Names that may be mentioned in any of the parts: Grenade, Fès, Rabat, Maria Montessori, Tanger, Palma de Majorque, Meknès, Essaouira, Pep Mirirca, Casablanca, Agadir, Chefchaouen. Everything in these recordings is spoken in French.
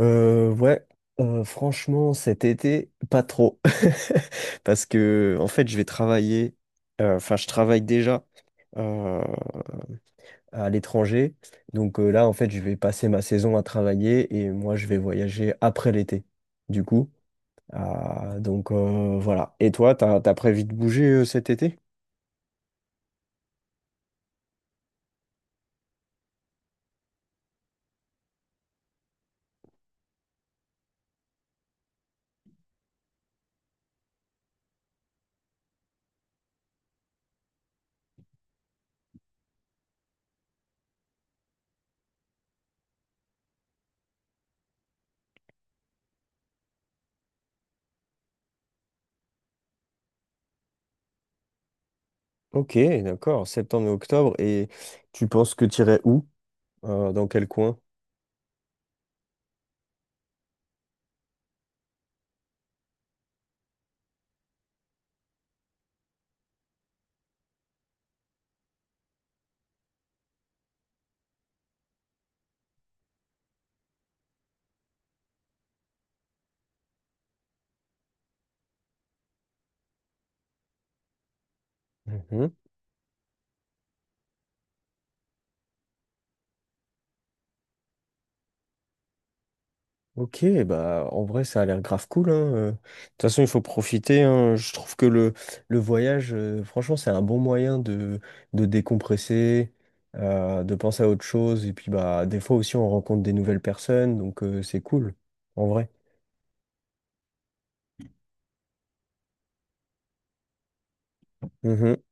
Ouais, franchement, cet été, pas trop. Parce que, en fait, je vais travailler, enfin, je travaille déjà euh, à l'étranger. Donc là, en fait, je vais passer ma saison à travailler et moi, je vais voyager après l'été, du coup. Ah, donc voilà. Et toi, t'as prévu de bouger cet été? Ok, d'accord, septembre et octobre. Et tu penses que t'irais où? Dans quel coin? Ok, bah en vrai ça a l'air grave cool, hein. De toute façon il faut profiter, hein. Je trouve que le voyage, franchement c'est un bon moyen de décompresser, de penser à autre chose, et puis bah des fois aussi on rencontre des nouvelles personnes, donc c'est cool, en vrai. Mhm.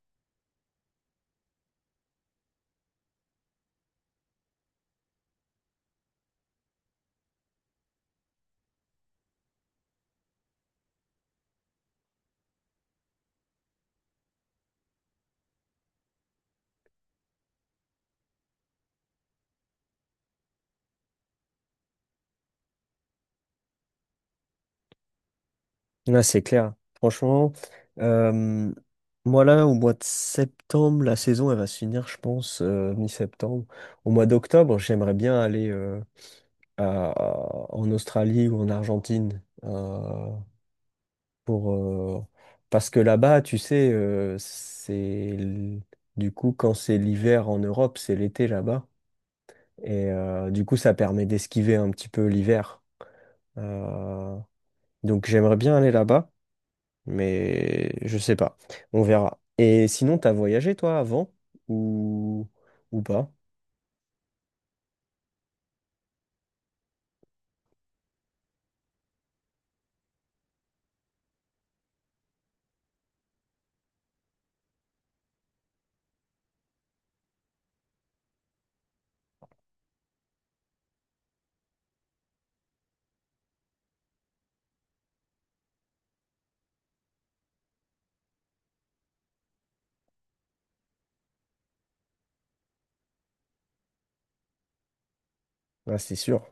Là c'est clair. Franchement, euh, moi là au mois de septembre, la saison elle va se finir je pense mi-septembre. Au mois d'octobre j'aimerais bien aller en Australie ou en Argentine pour parce que là-bas, tu sais, l- du coup quand c'est l'hiver en Europe, c'est l'été là-bas et du coup ça permet d'esquiver un petit peu l'hiver. Euh, donc j'aimerais bien aller là-bas, mais je sais pas, on verra. Et sinon, t'as voyagé toi avant ou ou pas? Ah, c'est sûr.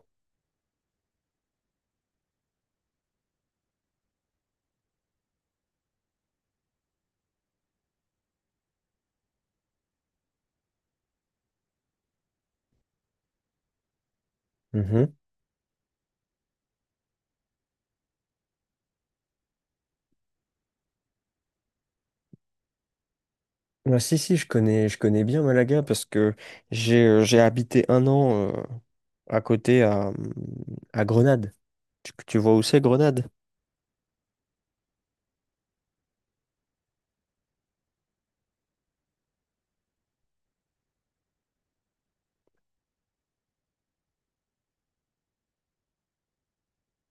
Ah, si, si, je connais bien Malaga parce que j'ai habité un an à côté, à Grenade. Tu vois où c'est Grenade?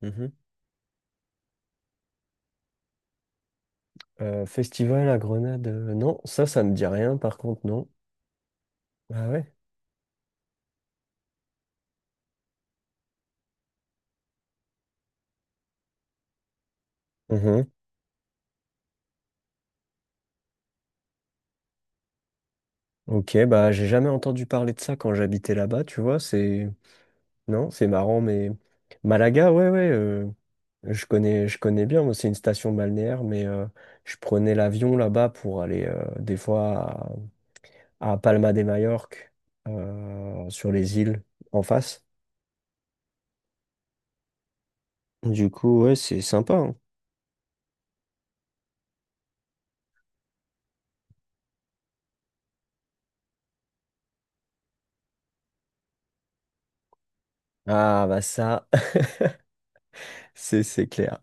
Mhm. Festival à Grenade, non, ça ne dit rien par contre, non. Ah ouais? Mhm. Ok, bah j'ai jamais entendu parler de ça quand j'habitais là-bas, tu vois, c'est. Non, c'est marrant, mais. Malaga, ouais, ouais, je connais bien, moi, c'est une station balnéaire, mais je prenais l'avion là-bas pour aller des fois, à Palma de Majorque, sur les îles en face. Du coup, ouais, c'est sympa, hein. Ah bah ça, c'est clair.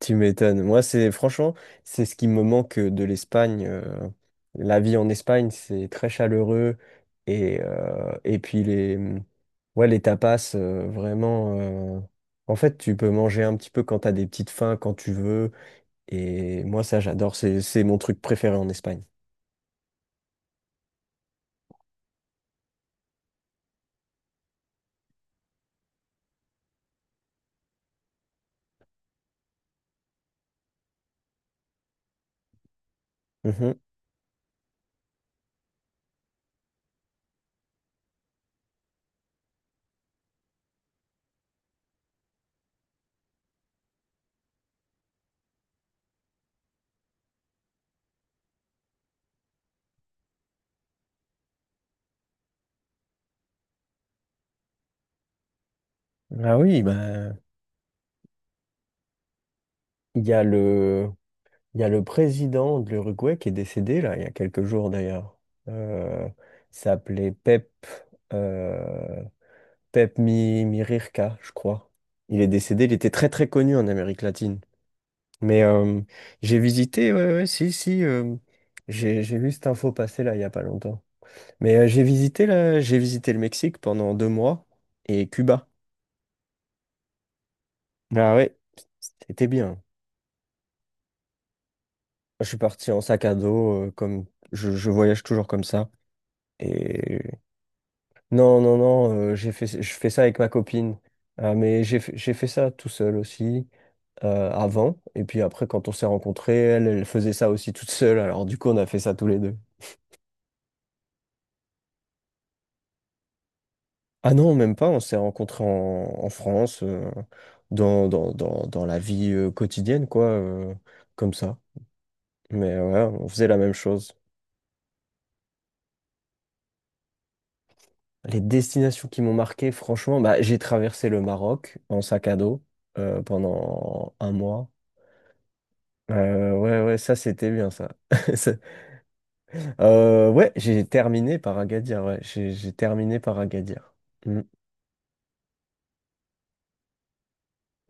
Tu m'étonnes. Moi, c'est franchement, c'est ce qui me manque de l'Espagne. La vie en Espagne, c'est très chaleureux et puis les ouais, les tapas vraiment. En fait, tu peux manger un petit peu quand t'as des petites faims, quand tu veux. Et moi, ça, j'adore. C'est mon truc préféré en Espagne. Mhm. Ah oui, bah. Il y a le, il y a le président de l'Uruguay qui est décédé, là, il y a quelques jours d'ailleurs. Euh, il s'appelait euh, Pep Mirirca, je crois. Il est décédé, il était très très connu en Amérique latine. Mais ouais, ouais, si, si, j'ai vu cette info passer là, il n'y a pas longtemps. Mais j'ai visité le Mexique pendant 2 mois et Cuba. Ah ouais, c'était bien. Je suis parti en sac à dos, comme je voyage toujours comme ça. Et non, non, non, je fais ça avec ma copine. Mais j'ai fait ça tout seul aussi avant. Et puis après, quand on s'est rencontrés, elle, elle faisait ça aussi toute seule. Alors du coup, on a fait ça tous les deux. Ah non, même pas. On s'est rencontrés en France, dans la vie quotidienne, quoi, comme ça. Mais ouais, on faisait la même chose. Les destinations qui m'ont marqué, franchement, bah, j'ai traversé le Maroc en sac à dos pendant un mois. Ouais, ouais, ça c'était bien ça. Ça- ouais, j'ai terminé par Agadir. Ouais, j'ai terminé par Agadir. Mm.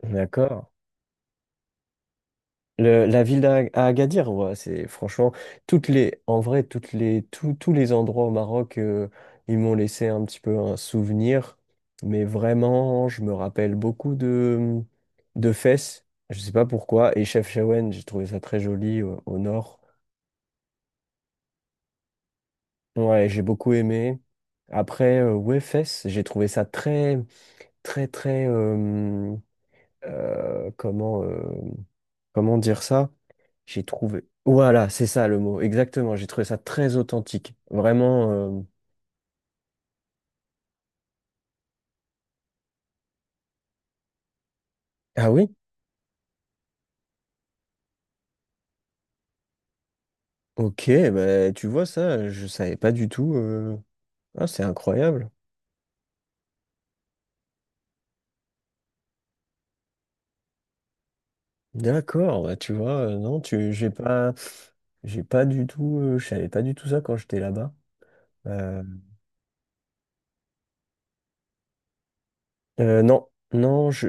D'accord. La ville d'Agadir, ouais, c'est franchement en vrai, tous les endroits au Maroc, ils m'ont laissé un petit peu un souvenir. Mais vraiment, je me rappelle beaucoup de Fès. Je sais pas pourquoi. Et Chefchaouen, j'ai trouvé ça très joli au nord. Ouais, j'ai beaucoup aimé. Après, ouais, Fess, j'ai trouvé ça très, très, très, euh, comment, euh, comment dire ça? J'ai trouvé. Voilà, c'est ça le mot, exactement. J'ai trouvé ça très authentique. Vraiment. Ah oui? Ok, bah, tu vois ça, je savais pas du tout. Ah, c'est incroyable. D'accord, bah, tu vois, non, j'ai pas du tout, je savais pas du tout ça quand j'étais là-bas. Euh, non, non,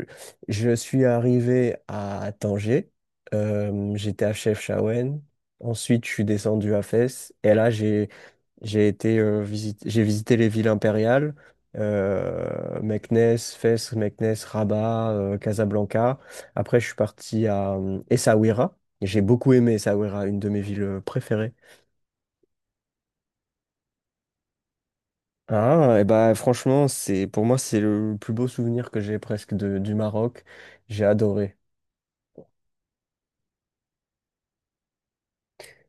je suis arrivé à Tanger. J'étais à Chefchaouen. Ensuite, je suis descendu à Fès. Et là, j'ai visité les villes impériales, Meknès, Fès, Meknès, Rabat, Casablanca. Après, je suis parti à Essaouira. J'ai beaucoup aimé Essaouira, une de mes villes préférées. Ah, et bah franchement, c'est pour moi c'est le plus beau souvenir que j'ai presque du Maroc. J'ai adoré.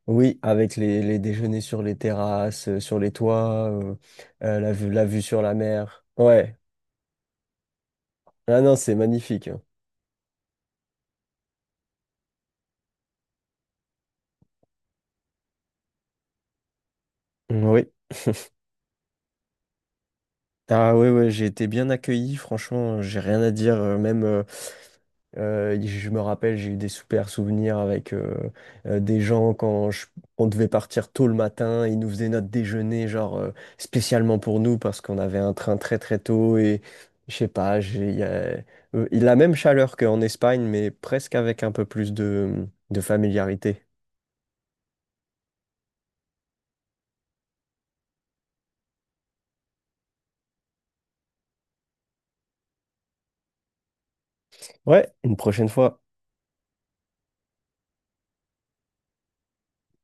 Oui, avec les déjeuners sur les terrasses, sur les toits, la vue sur la mer. Ouais. Ah non, c'est magnifique, hein. Oui. Ah ouais, ouais, j'ai été bien accueilli, franchement, j'ai rien à dire. Même, je me rappelle, j'ai eu des super souvenirs avec des gens quand on devait partir tôt le matin, ils nous faisaient notre déjeuner, genre spécialement pour nous, parce qu'on avait un train très très tôt et je sais pas, la même chaleur qu'en Espagne, mais presque avec un peu plus de familiarité. Ouais, une prochaine fois.